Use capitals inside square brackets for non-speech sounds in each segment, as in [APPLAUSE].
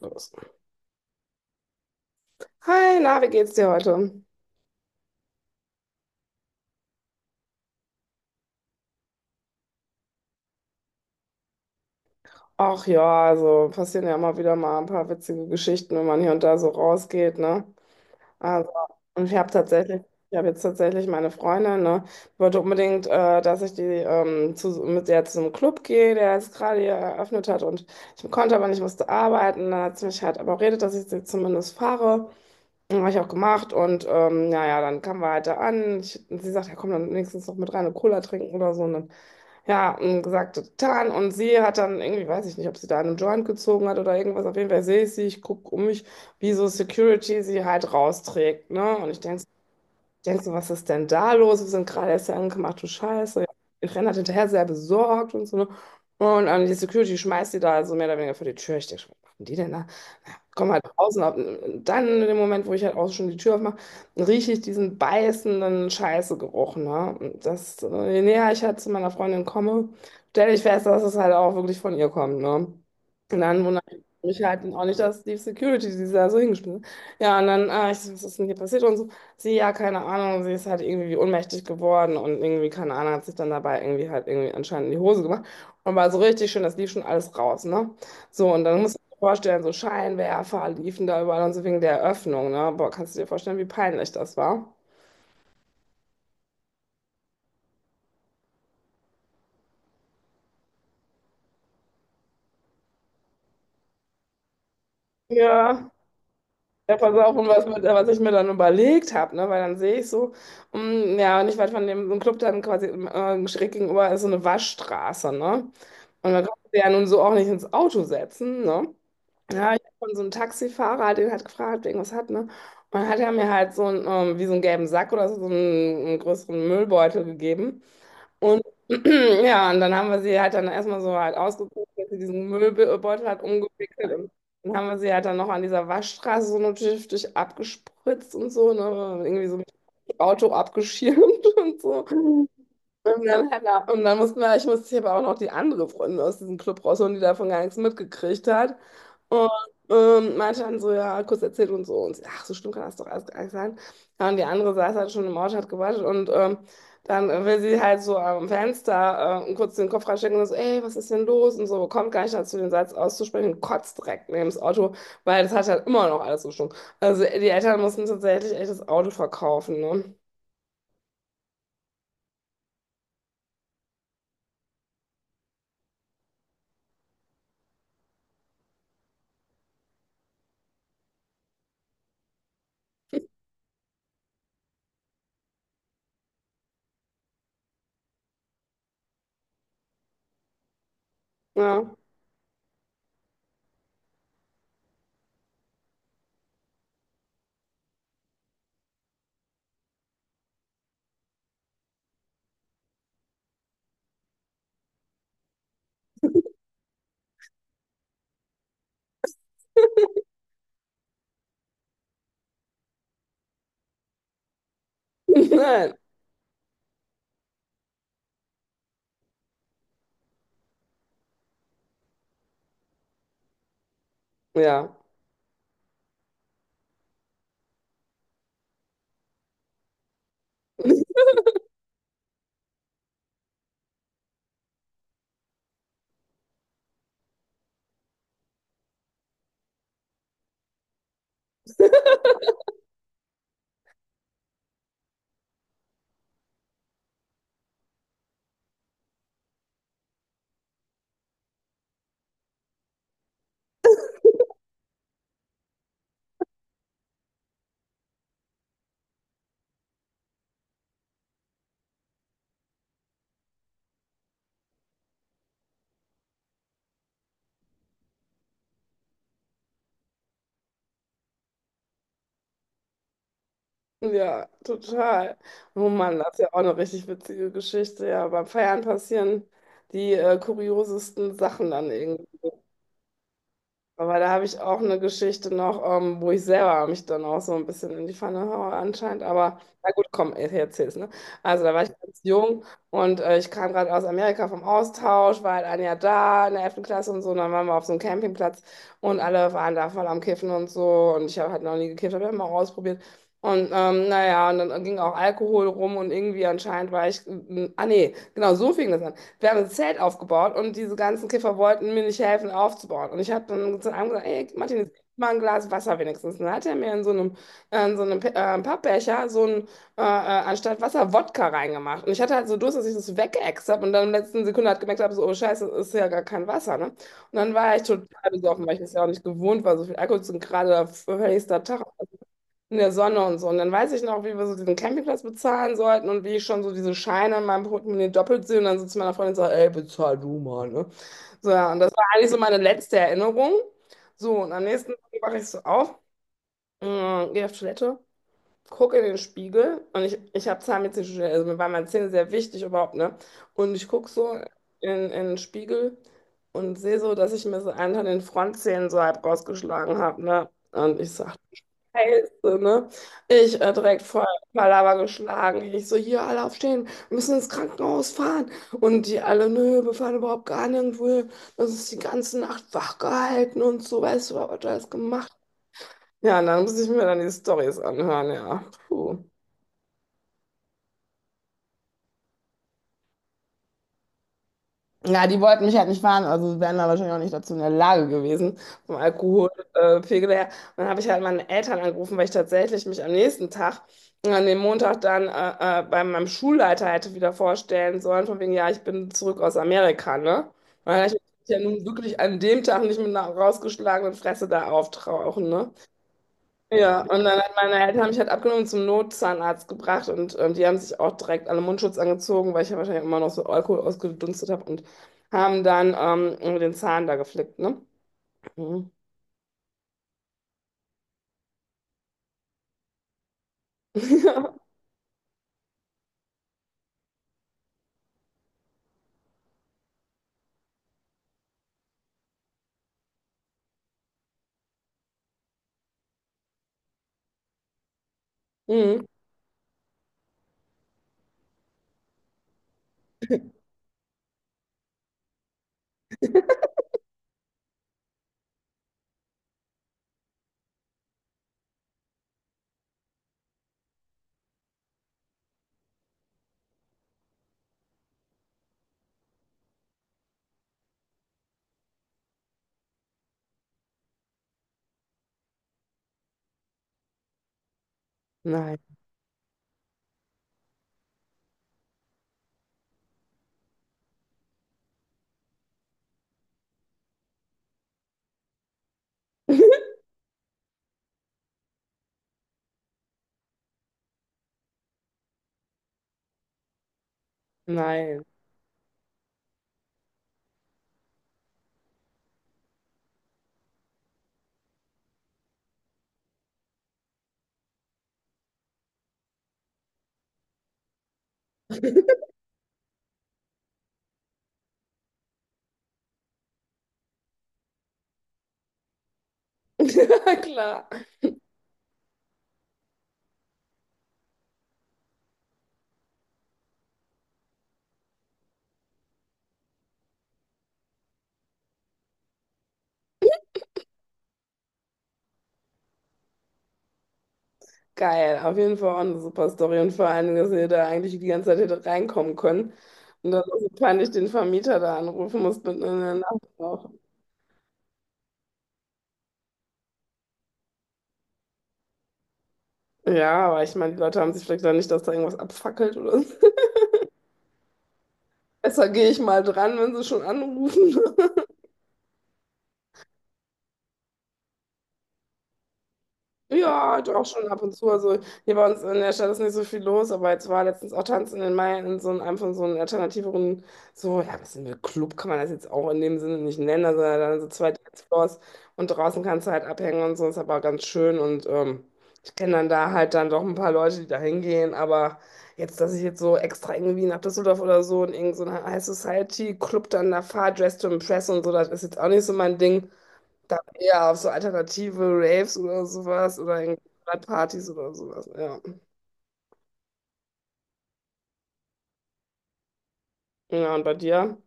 Los. Hi, na, wie geht's dir heute? Ach ja, also passieren ja immer wieder mal ein paar witzige Geschichten, wenn man hier und da so rausgeht, ne? Also, und ich habe tatsächlich, ich habe jetzt tatsächlich meine Freundin, ne? Die wollte unbedingt, dass ich die mit der zum Club gehe, der jetzt gerade hier eröffnet hat, und ich konnte aber nicht, musste arbeiten. Dann hat sie mich halt aber redet, dass ich sie zumindest fahre. Habe ich auch gemacht, und ja, ja, dann kamen wir halt da an. Ich, und sie sagt, ja komm, dann wenigstens noch mit rein eine Cola trinken oder so. Ne? Ja, und gesagt, getan. Und sie hat dann irgendwie, weiß ich nicht, ob sie da einen Joint gezogen hat oder irgendwas. Auf jeden Fall sehe ich sie, ich gucke um mich, wie so Security sie halt rausträgt. Ne? Und ich denke, denkst du, was ist denn da los? Wir sind gerade erst hier angekommen, ach du Scheiße. Ich renne halt hinterher, sehr besorgt und so. Ne? Und die Security schmeißt die da also mehr oder weniger vor die Tür. Ich denke, was machen die denn da? Na, komm halt draußen. Auf, dann in dem Moment, wo ich halt auch schon die Tür aufmache, rieche ich diesen beißenden Scheißegeruch. Ne? Und das, je näher ich halt zu meiner Freundin komme, stelle ich fest, dass es halt auch wirklich von ihr kommt. Ne? Und dann wundert mich halt auch nicht, dass die Security, die da so hingeschmissen hat. Ja, und dann, ah, ich, so, was ist denn hier passiert und so. Sie, ja, keine Ahnung, sie ist halt irgendwie ohnmächtig geworden und irgendwie, keine Ahnung, hat sich dann dabei irgendwie halt irgendwie anscheinend in die Hose gemacht und war so richtig schön, das lief schon alles raus, ne? So, und dann musst du dir vorstellen, so Scheinwerfer liefen da überall und so wegen der Eröffnung, ne? Boah, kannst du dir vorstellen, wie peinlich das war? Ja, ja, pass auf, und was, mit, was ich mir dann überlegt habe, ne? Weil dann sehe ich so, ja, nicht weit von dem so einem Club dann quasi schräg gegenüber ist so eine Waschstraße, ne? Und da kannst du ja nun so auch nicht ins Auto setzen, ne? Ja, ich hab von so einem Taxifahrer, den hat gefragt, wegen was hat, ne? Und dann hat er mir halt so einen, wie so einen gelben Sack oder so, so einen, einen größeren Müllbeutel gegeben. Und [CLEARS THROAT] ja, und dann haben wir sie halt dann erstmal so halt ausgeguckt, dass sie diesen Müllbeutel hat umgewickelt. Und dann haben wir sie halt dann noch an dieser Waschstraße so notdürftig abgespritzt und so, ne? Irgendwie so mit Auto abgeschirmt [LAUGHS] und so. Und dann, Hannah, und dann mussten wir, ich musste hier aber auch noch die andere Freundin aus diesem Club rausholen, die davon gar nichts mitgekriegt hat. Und meinte dann so, ja, kurz erzählt und so. Und sie, ach, so schlimm kann das doch alles gar nicht sein. Ja, und die andere saß halt schon im Auto, hat gewartet. Und dann will sie halt so am Fenster kurz den Kopf reinstecken und so, ey, was ist denn los? Und so, kommt gar nicht dazu, den Satz auszusprechen und kotzt direkt neben das Auto, weil das hat halt immer noch alles gestunken. Also die Eltern mussten tatsächlich echt das Auto verkaufen, ne? Ja. [LAUGHS] Nein. Ja. Ja, total. Oh Mann, das ist ja auch eine richtig witzige Geschichte. Ja, beim Feiern passieren die kuriosesten Sachen dann irgendwie. Aber da habe ich auch eine Geschichte noch, wo ich selber mich dann auch so ein bisschen in die Pfanne haue anscheinend. Aber na gut, komm, ich erzähl's, ne? Also da war ich ganz jung, und ich kam gerade aus Amerika vom Austausch, war halt ein Jahr da in der elften Klasse und so. Und dann waren wir auf so einem Campingplatz und alle waren da voll am Kiffen und so. Und ich habe halt noch nie gekifft, habe immer ausprobiert. Und naja, und dann ging auch Alkohol rum und irgendwie anscheinend war ich, ah nee, genau, so fing das an. Wir haben ein Zelt aufgebaut und diese ganzen Kiffer wollten mir nicht helfen aufzubauen. Und ich habe dann zu einem gesagt, ey, Martin, jetzt gib mal ein Glas Wasser wenigstens. Und dann hat er mir in so einem, in so einem Pappbecher so ein, anstatt Wasser Wodka reingemacht. Und ich hatte halt so Durst, dass ich das weggeäxt habe und dann in der letzten Sekunde hat gemerkt habe, so, oh Scheiße, das ist ja gar kein Wasser, ne? Und dann war ich total besoffen, weil ich das ja auch nicht gewohnt war, so viel Alkohol zu gerade höchster Tag in der Sonne und so. Und dann weiß ich noch, wie wir so diesen Campingplatz bezahlen sollten und wie ich schon so diese Scheine in meinem Portemonnaie doppelt sehe und dann so zu meiner Freundin sage, ey, bezahl du mal, ne? So, ja, und das war eigentlich so meine letzte Erinnerung. So, und am nächsten Tag wache ich so auf, gehe auf Toilette, gucke in den Spiegel, und ich habe Zahnmedizin studiert, also mir waren meine Zähne sehr wichtig überhaupt, ne? Und ich gucke so in den Spiegel und sehe so, dass ich mir so einen von den Frontzähnen so halb rausgeschlagen habe, ne? Und ich so, Geilste, ne? Ich direkt voll Palaver geschlagen. Ich so, hier alle aufstehen, wir müssen ins Krankenhaus fahren. Und die alle, nö, wir fahren überhaupt gar nirgendwo hin. Das ist die ganze Nacht wach gehalten und so, weißt du, was wir alles gemacht. Ja, und dann muss ich mir dann die Storys anhören, ja. Puh. Ja, die wollten mich halt nicht fahren, also wären da wahrscheinlich auch nicht dazu in der Lage gewesen, vom Alkoholpegel her. Und dann habe ich halt meine Eltern angerufen, weil ich tatsächlich mich am nächsten Tag, an dem Montag dann bei meinem Schulleiter hätte wieder vorstellen sollen, von wegen, ja, ich bin zurück aus Amerika, ne? Weil ich mich ja nun wirklich an dem Tag nicht mit einer rausgeschlagenen Fresse da auftauchen, ne? Ja, und dann hat meine Eltern haben mich halt abgenommen und zum Notzahnarzt gebracht, und die haben sich auch direkt alle Mundschutz angezogen, weil ich ja wahrscheinlich immer noch so Alkohol ausgedunstet habe, und haben dann den Zahn da geflickt, ne? Mhm. [LAUGHS] Mhm. Nein. Nein. [LAUGHS] Ja, klar. Geil. Auf jeden Fall auch eine super Story. Und vor allen Dingen, dass ihr da eigentlich die ganze Zeit hätte reinkommen können. Und dann so peinlich den Vermieter da anrufen musste mitten in der Nacht auch. Ja, aber ich meine, die Leute haben sich vielleicht dann nicht, dass da irgendwas abfackelt oder so. Besser gehe ich mal dran, wenn sie schon anrufen. [LAUGHS] Ja, doch schon ab und zu. Also hier bei uns in der Stadt ist nicht so viel los, aber jetzt war letztens auch Tanz in den Mai in so einem, einem von so einem alternativeren, so, ja, was ist denn, Club kann man das jetzt auch in dem Sinne nicht nennen, also dann so zwei Dancefloors und draußen kannst du halt abhängen und so, ist aber ganz schön, und ich kenne dann da halt dann doch ein paar Leute, die da hingehen, aber jetzt, dass ich jetzt so extra irgendwie nach Düsseldorf oder so in irgendeinen High Society Club dann da fahre, Dress to Impress und so, das ist jetzt auch nicht so mein Ding. Dann eher auf so alternative Raves oder sowas oder in Partys oder sowas, ja. Ja, und bei dir?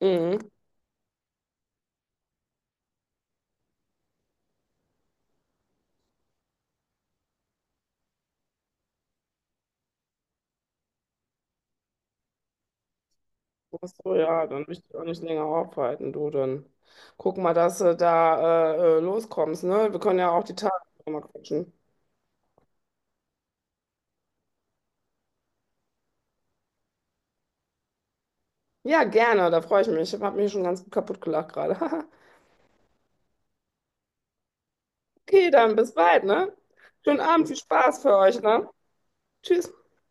Mhm. Ach so, ja, dann will ich dich auch nicht länger aufhalten, du. Dann guck mal, dass du da loskommst, ne? Wir können ja auch die Tage nochmal quatschen. Ja, gerne, da freue ich mich. Ich habe mich schon ganz gut kaputt gelacht gerade. [LAUGHS] Okay, dann bis bald, ne? Schönen Abend, viel Spaß für euch, ne? Tschüss.